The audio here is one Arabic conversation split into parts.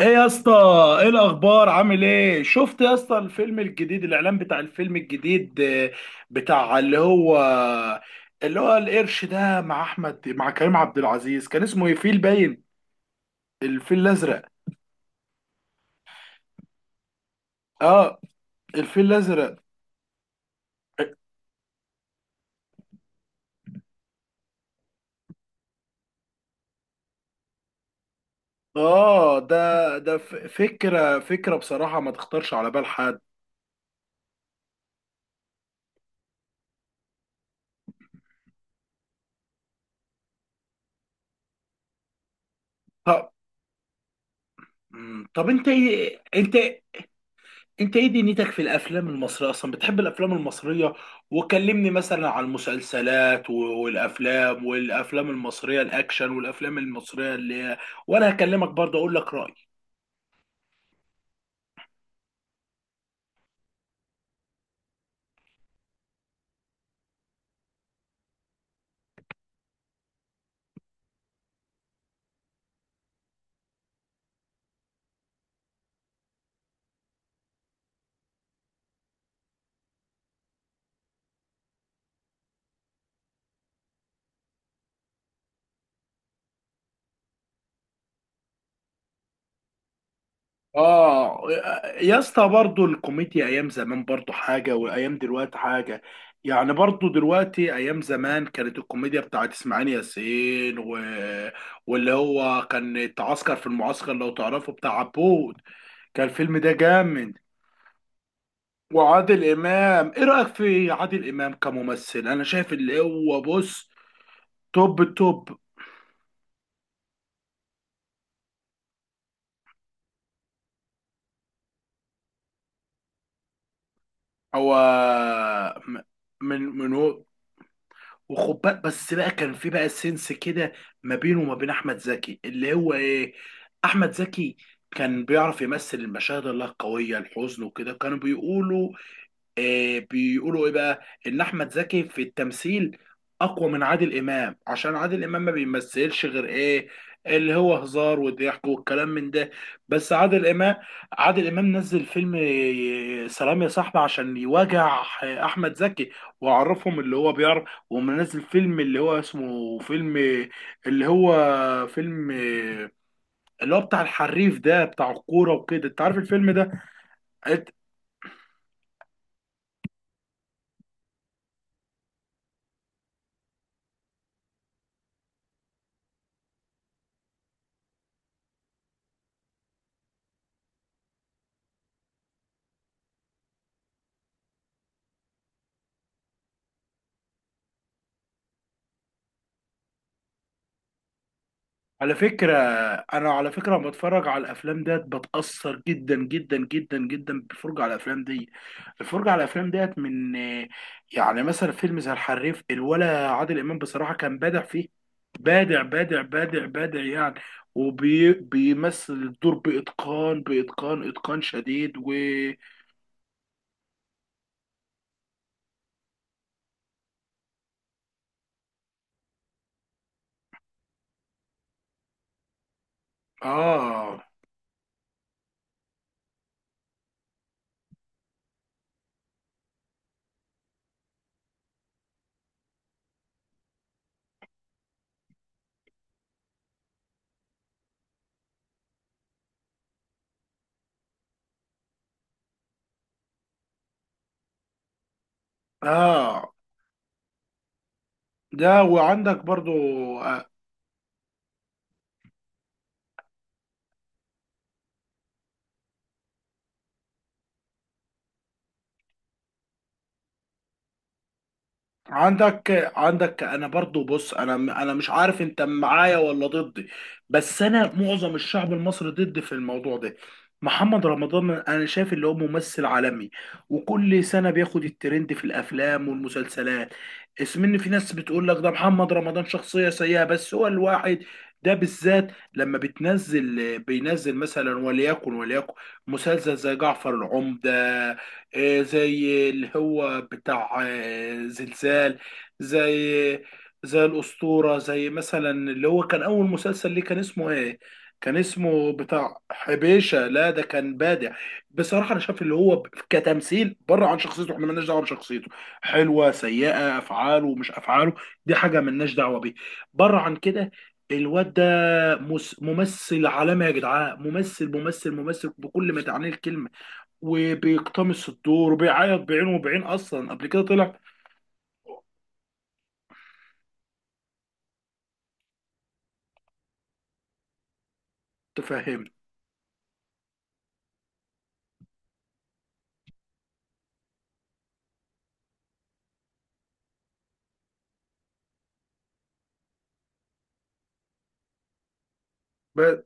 ايه يا اسطى؟ ايه الاخبار؟ عامل ايه؟ شفت يا اسطى الفيلم الجديد، الاعلان بتاع الفيلم الجديد، بتاع اللي هو القرش ده، مع كريم عبد العزيز. كان اسمه ايه؟ فيل باين؟ الفيل الازرق؟ اه، الفيل الازرق. اه، ده فكره بصراحه ما تخطرش على بال حد. طب، طب انت ايه؟ انت انت ايه دنيتك في الافلام المصريه؟ اصلا بتحب الافلام المصريه؟ وكلمني مثلا عن المسلسلات والافلام المصريه الاكشن، والافلام المصريه اللي هي. وانا هكلمك برضه اقول لك رايي. اه يا اسطى، برضه الكوميديا ايام زمان برضه حاجه، وايام دلوقتي حاجه. يعني برضه دلوقتي، ايام زمان كانت الكوميديا بتاعت اسماعيل ياسين واللي هو كان اتعسكر في المعسكر، لو تعرفه، بتاع عبود. كان الفيلم ده جامد. وعادل امام، ايه رايك في عادل امام كممثل؟ انا شايف اللي هو، بص، توب التوب. هو م- من هو؟ وخد بالك بس بقى، كان في بقى سنس كده ما بينه وما بين احمد زكي، اللي هو ايه، احمد زكي كان بيعرف يمثل المشاهد الله القويه، الحزن وكده. كانوا بيقولوا، بيقولوا ايه بقى، ان احمد زكي في التمثيل اقوى من عادل امام، عشان عادل امام ما بيمثلش غير ايه، اللي هو هزار وضحك والكلام من ده. بس عادل امام نزل فيلم سلام يا صاحبي، عشان يواجع احمد زكي، وعرفهم اللي هو بيعرف. ومنزل فيلم اللي هو اسمه فيلم اللي هو فيلم آه، اللي هو بتاع الحريف ده، بتاع الكوره وكده، انت عارف الفيلم ده. على فكرة على فكرة، لما بتفرج على الأفلام ديت بتأثر جدا جدا جدا جدا بالفرجة على الأفلام دي. الفرجة على الأفلام ديت من آه، يعني مثلا فيلم زي الحريف الولا، عادل إمام بصراحة كان بادع فيه. بادع بادع بادع بادع يعني، وبيمثل الدور بإتقان بإتقان إتقان شديد و. آه، آه، ده. وعندك برضو، آه، عندك. انا برضو، بص، انا مش عارف انت معايا ولا ضدي؟ بس انا معظم الشعب المصري ضد في الموضوع ده. محمد رمضان، انا شايف اللي هو ممثل عالمي، وكل سنة بياخد الترند في الافلام والمسلسلات. اسم ان في ناس بتقول لك ده محمد رمضان شخصية سيئة، بس هو الواحد ده بالذات، لما بتنزل، بينزل مثلا، وليكن وليكن مسلسل زي جعفر العمدة، زي اللي هو بتاع زلزال، زي زي الأسطورة، زي مثلا اللي هو كان أول مسلسل ليه، كان اسمه إيه؟ كان اسمه بتاع حبيشة، لا ده كان بادع. بصراحة أنا شايف اللي هو كتمثيل بره عن شخصيته، إحنا مالناش دعوة بشخصيته، حلوة، سيئة، أفعاله مش أفعاله، دي حاجة مالناش دعوة بيه، بره عن كده. الواد ده ممثل عالمي يا جدعان، ممثل ممثل ممثل بكل ما تعنيه الكلمة، وبيقتمص الدور وبيعيط بعينه وبعين، اصلا قبل كده طلع. تفهمني؟ بس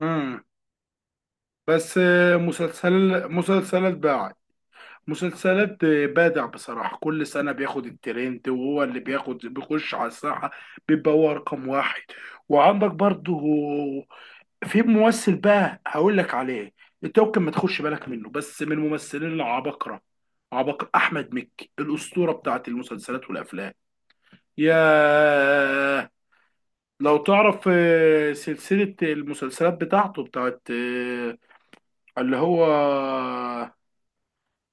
امم بس مسلسل، مسلسلات باع، مسلسلات بادع بصراحة. كل سنة بياخد الترند، وهو اللي بياخد، بيخش على الساحة، بيبقى هو رقم واحد. وعندك برضه في ممثل بقى هقول لك عليه، انت ممكن ما تخش بالك منه، بس من الممثلين العباقرة، عباقرة أحمد مكي، الأسطورة بتاعت المسلسلات والأفلام. ياه. لو تعرف، سلسلة المسلسلات بتاعته، بتاعت، اللي هو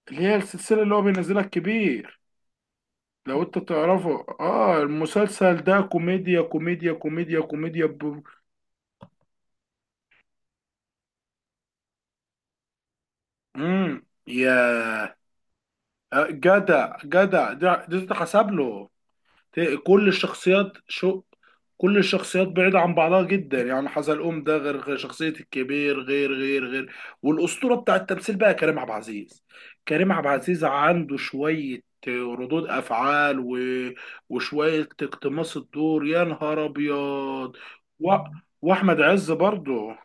اللي هي السلسلة اللي هو بينزلها الكبير. لو انت تعرفه، اه، المسلسل ده كوميديا كوميديا كوميديا كوميديا مم. يا آه، جدع جدع ده، تحسب له. كل الشخصيات شو، كل الشخصيات بعيدة عن بعضها جدا يعني. حزلقوم ده غير غير شخصية الكبير، غير غير غير. والأسطورة بتاع التمثيل بقى كريم عبد العزيز، كريم عبد العزيز عنده شوية ردود أفعال وشوية اقتماص الدور، يا نهار أبيض و... وأحمد عز برضه.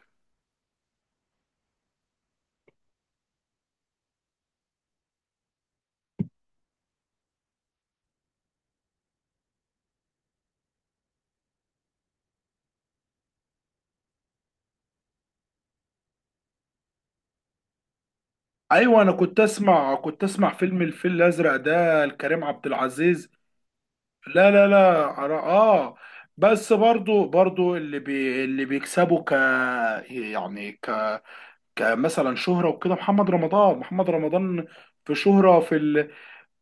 أيوة، أنا كنت أسمع، فيلم الفيل الأزرق ده لكريم عبد العزيز. لا لا لا، اه. بس برضو، اللي بيكسبوا، يعني، كمثلا شهرة وكده، محمد رمضان، محمد رمضان، في شهرة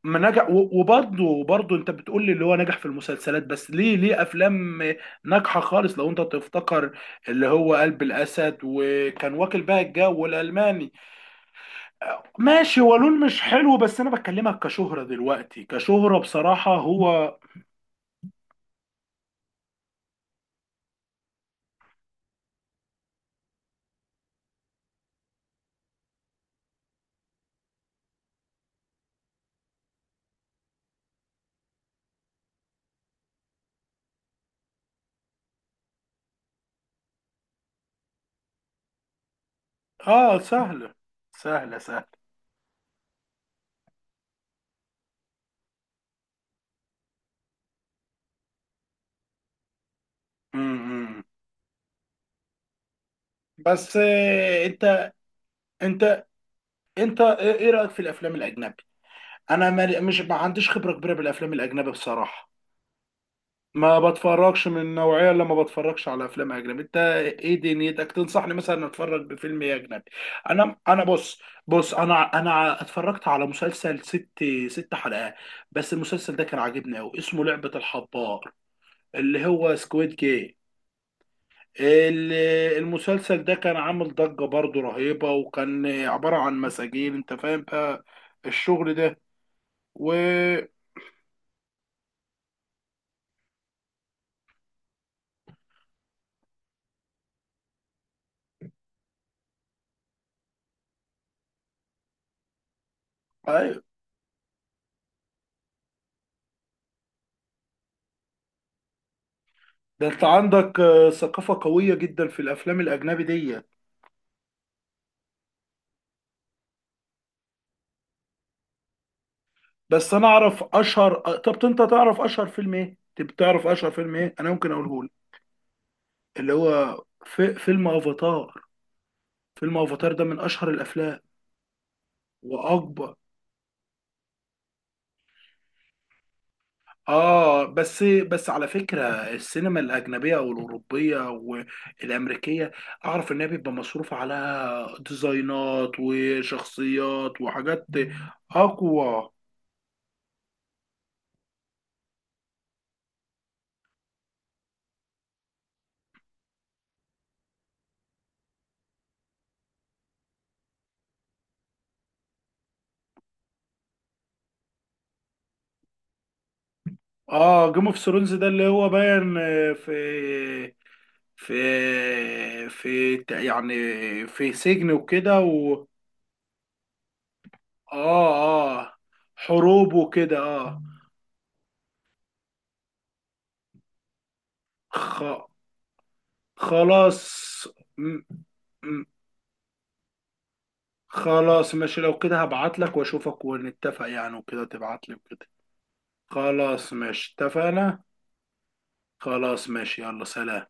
ما نجح، وبرضه انت بتقول لي اللي هو نجح في المسلسلات بس، ليه افلام ناجحة خالص، لو انت تفتكر، اللي هو قلب الاسد، وكان واكل بقى الجو، والالماني. ماشي ولول مش حلو، بس انا بكلمك كشهرة دلوقتي، كشهرة بصراحة هو. اه، سهلة سهلة سهلة. امم بس انت انت إيه رأيك في الافلام الاجنبي؟ انا ما- مش ما عنديش خبرة كبيرة بالافلام الاجنبي بصراحة. ما بتفرجش من النوعية، اللي ما بتفرجش على افلام اجنبي. انت ايه دنيتك؟ تنصحني مثلا اتفرج بفيلم إيه اجنبي؟ انا بص، انا اتفرجت على مسلسل ست حلقات. بس المسلسل ده كان عاجبني قوي، اسمه لعبة الحبار، اللي هو سكويد جيم. ال- المسلسل ده كان عامل ضجة برضو رهيبة، وكان عبارة عن مساجين، انت فاهم بقى الشغل ده و. أيوة. ده انت عندك ثقافة قوية جدا في الافلام الاجنبي دي. بس انا اعرف اشهر، طب انت تعرف اشهر فيلم ايه؟ طب تعرف اشهر فيلم ايه؟ انا ممكن اقوله لك. اللي هو فيلم افاتار. فيلم افاتار ده من اشهر الافلام، واكبر. اه، بس على فكره، السينما الاجنبيه او الاوروبيه والامريكيه، اعرف انها بيبقى مصروف عليها ديزاينات وشخصيات وحاجات اقوى. اه، جيم اوف ثرونز ده اللي هو باين، يعني في سجن وكده و. اه، اه، حروب وكده اه. خ... خلاص. م- خلاص ماشي، لو كده هبعت لك واشوفك ونتفق يعني، وكده تبعت لي وكده. خلاص ماشي، اتفقنا. خلاص ماشي، يلا سلام.